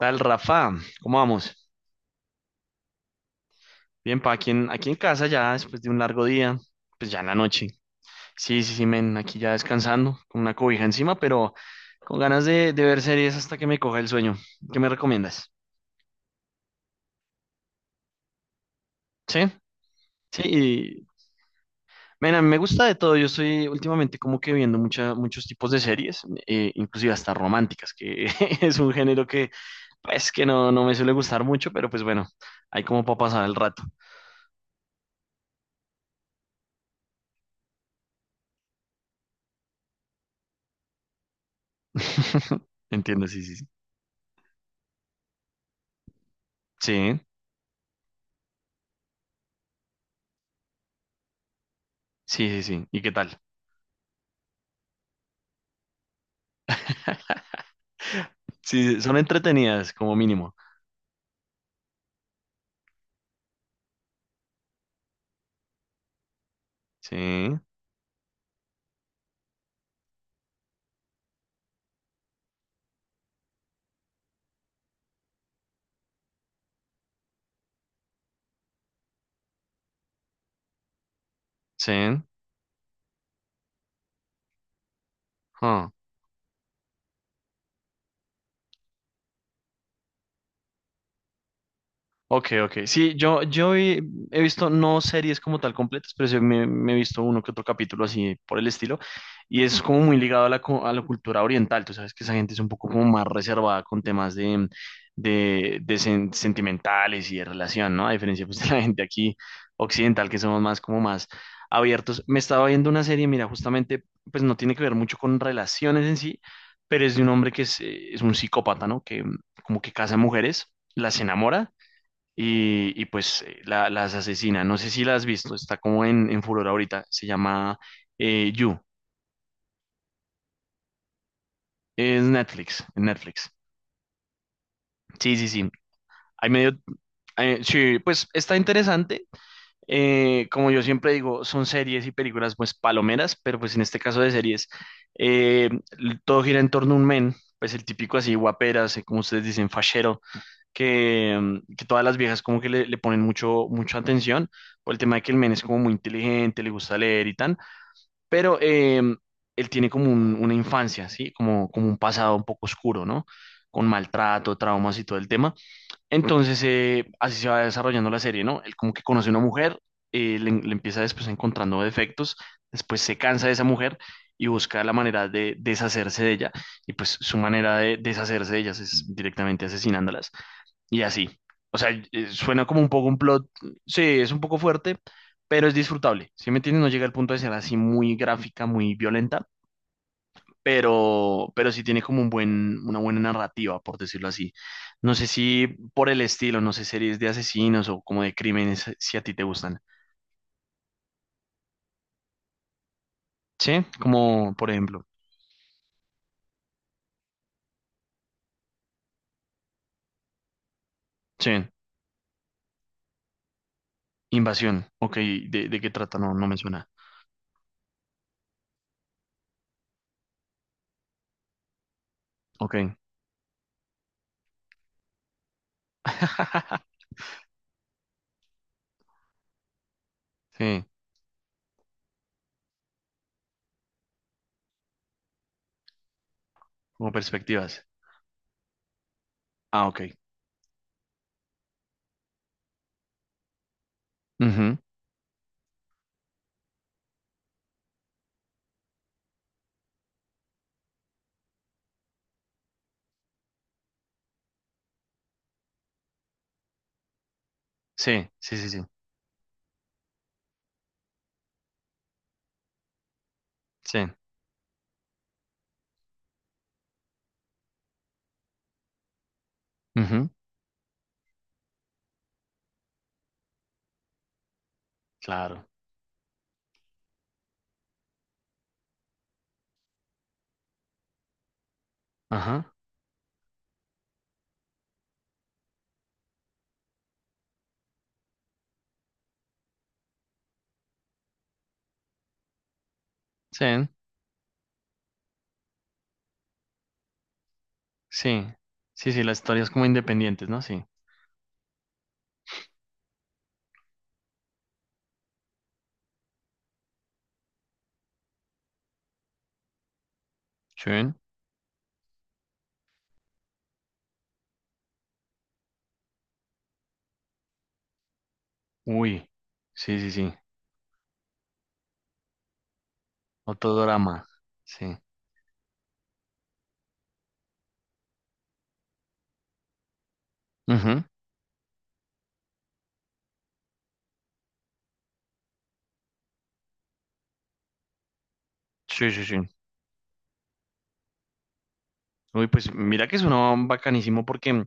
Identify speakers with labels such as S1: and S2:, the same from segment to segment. S1: Tal Rafa, ¿cómo vamos? Bien, pa, aquí aquí en casa ya después de un largo día, pues ya en la noche. Sí, sí, sí, men, aquí ya descansando, con una cobija encima, pero con ganas de ver series hasta que me coja el sueño. ¿Qué me recomiendas? Sí, sí, y, men, a mí me gusta de todo. Yo estoy últimamente como que viendo muchos tipos de series, inclusive hasta románticas, que es un género que, pues, que no me suele gustar mucho, pero pues bueno, hay como para pasar el rato. Entiendo, sí, sí, sí. Sí. Sí, sí, sí. ¿Y qué tal? Sí, son entretenidas como mínimo. Sí, sí. Huh. Ok, ok. Sí, he visto no series como tal completas, pero sí me he visto uno que otro capítulo así por el estilo. Y es como muy ligado a a la cultura oriental. Tú sabes que esa gente es un poco como más reservada con temas de sentimentales y de relación, ¿no? A diferencia, pues, de la gente aquí occidental, que somos más como más abiertos. Me estaba viendo una serie, mira, justamente, pues no tiene que ver mucho con relaciones en sí, pero es de un hombre que es un psicópata, ¿no? Que como que casa mujeres, las enamora y las asesina. No sé si la has visto, está como en furor ahorita. Se llama You. Es Netflix, en Netflix. Sí, sí, sí. Hay medio, sí, pues está interesante. Como yo siempre digo, son series y películas pues palomeras, pero pues en este caso de series, eh, todo gira en torno a un men, pues el típico así guaperas, como ustedes dicen, fachero, que, mm, que todas las viejas como que le ponen mucha atención por el tema de que el men es como muy inteligente, le gusta leer y tal. Pero él tiene como una infancia, ¿sí? Como, como un pasado un poco oscuro, ¿no? Con maltrato, traumas y todo el tema. Entonces, así se va desarrollando la serie, ¿no? Él como que conoce a una mujer, le empieza después encontrando defectos, después se cansa de esa mujer y busca la manera de deshacerse de ella. Y pues su manera de deshacerse de ellas es directamente asesinándolas y así. O sea, suena como un poco un plot, sí, es un poco fuerte, pero es disfrutable. Sí me entiendes, no llega al punto de ser así muy gráfica, muy violenta, pero sí tiene como un una buena narrativa, por decirlo así. No sé si por el estilo, no sé, series de asesinos o como de crímenes, si a ti te gustan. Sí, como por ejemplo, sí, Invasión. Ok, de qué trata? No, no me suena. Ok. Sí, como perspectivas. Ah, ok. Ujú. Sí, sí, sí, sí. Sí. Ujú. Claro. Ajá. Sí, sí. Sí, sí, las historias como independientes, ¿no? Sí. Schön. Uy. Sí, sí, sí. Otro drama. Sí. Ujú. Sí, sí, sí. Uy, pues mira que suena bacanísimo porque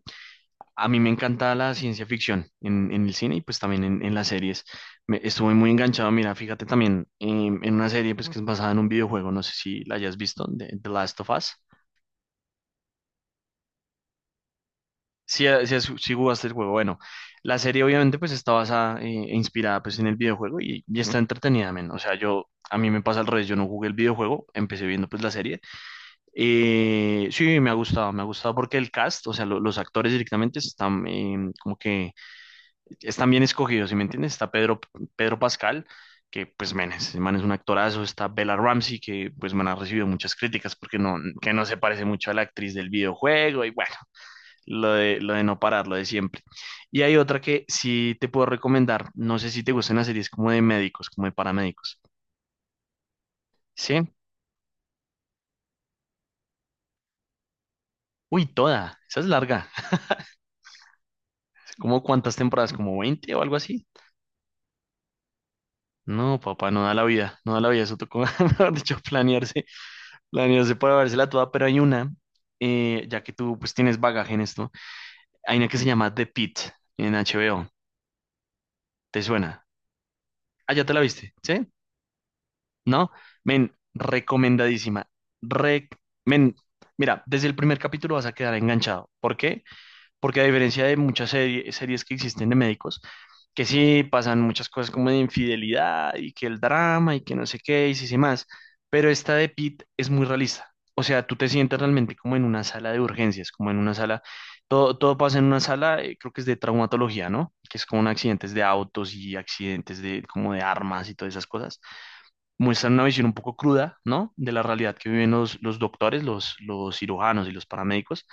S1: a mí me encanta la ciencia ficción en el cine y pues también en las series. Estuve muy enganchado, mira, fíjate también en una serie pues que es basada en un videojuego, no sé si la hayas visto, de The Last of Us. Si si si jugaste el juego. Bueno, la serie obviamente pues está basada, e inspirada pues en el videojuego y está entretenida, men. O sea, yo, a mí me pasa al revés, yo no jugué el videojuego, empecé viendo pues la serie. Sí, me ha gustado porque el cast, o sea, los actores directamente están como que están bien escogidos, ¿sí me entiendes? Está Pedro, Pedro Pascal, que pues, men, ese man es un actorazo, está Bella Ramsey, que pues, man, ha recibido muchas críticas porque no, que no se parece mucho a la actriz del videojuego y bueno. Lo de no parar, lo de siempre. Y hay otra que sí te puedo recomendar. No sé si te gustan las series como de médicos, como de paramédicos. ¿Sí? Uy, toda. Esa es larga. ¿Cómo cuántas temporadas? ¿Como 20 o algo así? No, papá, no da la vida. No da la vida. Eso tocó, mejor dicho, planearse. Planearse para vérsela toda. Pero hay una, ya que tú pues tienes bagaje en esto. Hay una que se llama The Pitt en HBO. ¿Te suena? Ah, ya te la viste. ¿Sí? ¿No? Men, recomendadísima. Re- Men, mira, desde el primer capítulo vas a quedar enganchado. ¿Por qué? Porque a diferencia de muchas series que existen de médicos, que sí pasan muchas cosas como de infidelidad y que el drama y que no sé qué y sí, sí más, pero esta de Pete es muy realista. O sea, tú te sientes realmente como en una sala de urgencias, como en una sala, todo, todo pasa en una sala, creo que es de traumatología, ¿no? Que es como en accidentes de autos y accidentes de como de armas y todas esas cosas. Muestran una visión un poco cruda, ¿no? De la realidad que viven los doctores, los cirujanos y los paramédicos,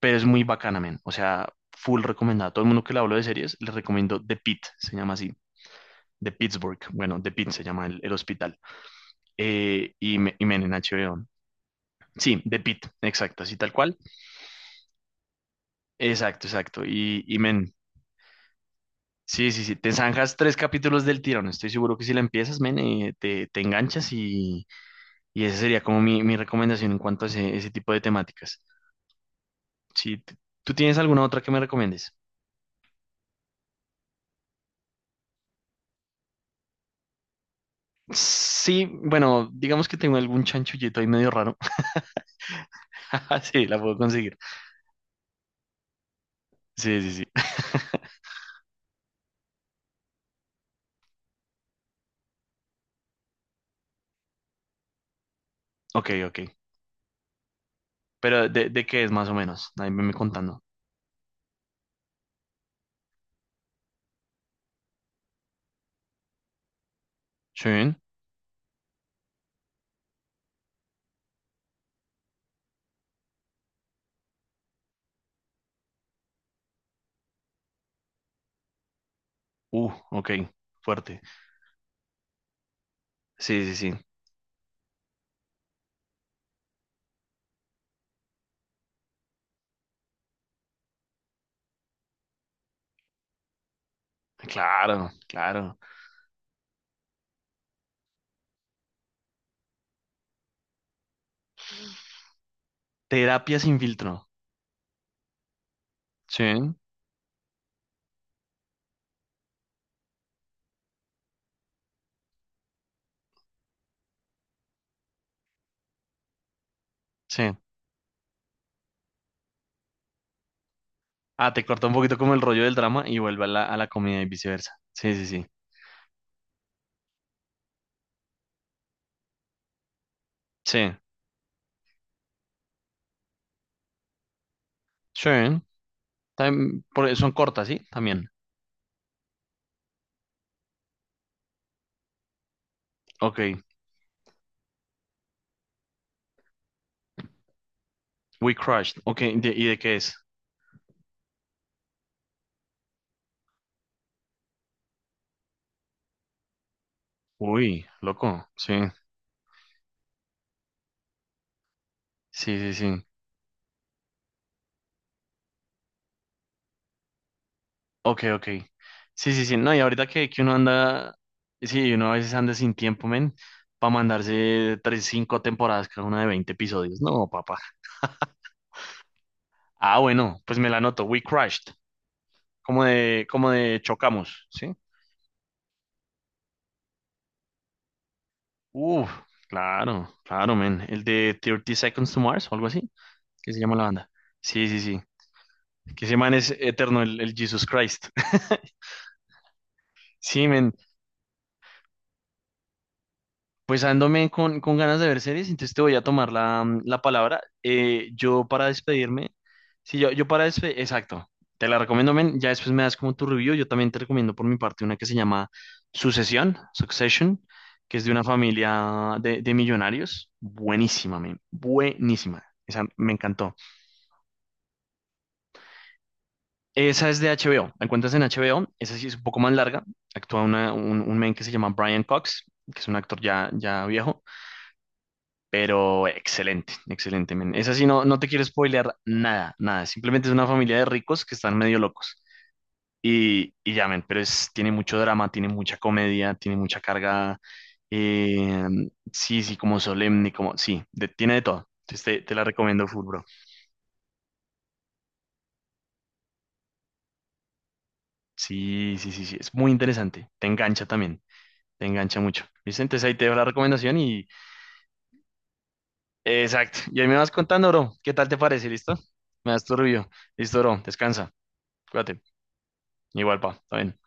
S1: pero es muy bacana, men. O sea, full recomendada. A todo el mundo que le hablo de series, les recomiendo The Pitt, se llama así, de Pittsburgh. Bueno, The Pitt se llama el hospital. Y men, en HBO. Sí, The Pitt, exacto, así tal cual. Exacto, exacto. Y men. Sí, sí, sí, te zanjas tres capítulos del tirón. Estoy seguro que si la empiezas, men, te enganchas y esa sería como mi recomendación en cuanto a ese tipo de temáticas. Sí, ¿tú tienes alguna otra que me recomiendes? Sí, bueno, digamos que tengo algún chanchullito ahí medio raro. Sí, la puedo conseguir. Sí, sí, sí. Ok, ok. Pero de qué es más o menos? Ahí me contando. Sí. Ok. Fuerte. Sí, sí, sí. Claro, claro. Terapia sin filtro. Sí, sí. Ah, te corta un poquito como el rollo del drama y vuelve a a la comedia y viceversa. Sí, sí, sí. Sí. Sí. También, son cortas, ¿sí? También. Ok. We crashed, ok, ¿y de qué es? Uy, loco. Sí, sí, sí, sí. Ok, ok. Sí, sí, sí. No, y ahorita que uno anda, sí, uno a veces anda sin tiempo, men, para mandarse tres, cinco temporadas, cada una de 20 episodios. No, papá. Ah, bueno, pues me la anoto. We crashed, como de, como de chocamos, ¿sí? Uf, claro, claro, men. El de Thirty Seconds to Mars o algo así, ¿qué se llama la banda? Sí, sí, sí. Que ese man es eterno, el Jesus Christ. Sí, men. Pues ándome con ganas de ver series, entonces te voy a tomar la, mm, la palabra. Yo para despedirme, exacto, te la recomiendo, men, ya después me das como tu review, yo también te recomiendo por mi parte una que se llama Sucesión, Succession, que es de una familia de millonarios, buenísima, men, buenísima, esa me encantó. Esa es de HBO, la encuentras en HBO, esa sí es un poco más larga, actúa un men que se llama Brian Cox, que es un actor ya, ya viejo. Pero excelente, excelente. Men. Esa sí, no, no te quiero spoilear nada, nada. Simplemente es una familia de ricos que están medio locos. Y ya, men, pero es, tiene mucho drama, tiene mucha comedia, tiene mucha carga. eh, sí, sí, como solemne, como. Sí, de- tiene de todo. Entonces te la recomiendo full, bro. Sí, sí, sí, sí. Es muy interesante. Te engancha también. Te engancha mucho. ¿Viste? Entonces ahí te dejo la recomendación y. Exacto. Y ahí me vas contando, bro. ¿Qué tal te parece? ¿Listo? Me das tu review. Listo, bro. Descansa. Cuídate. Igual, pa, también.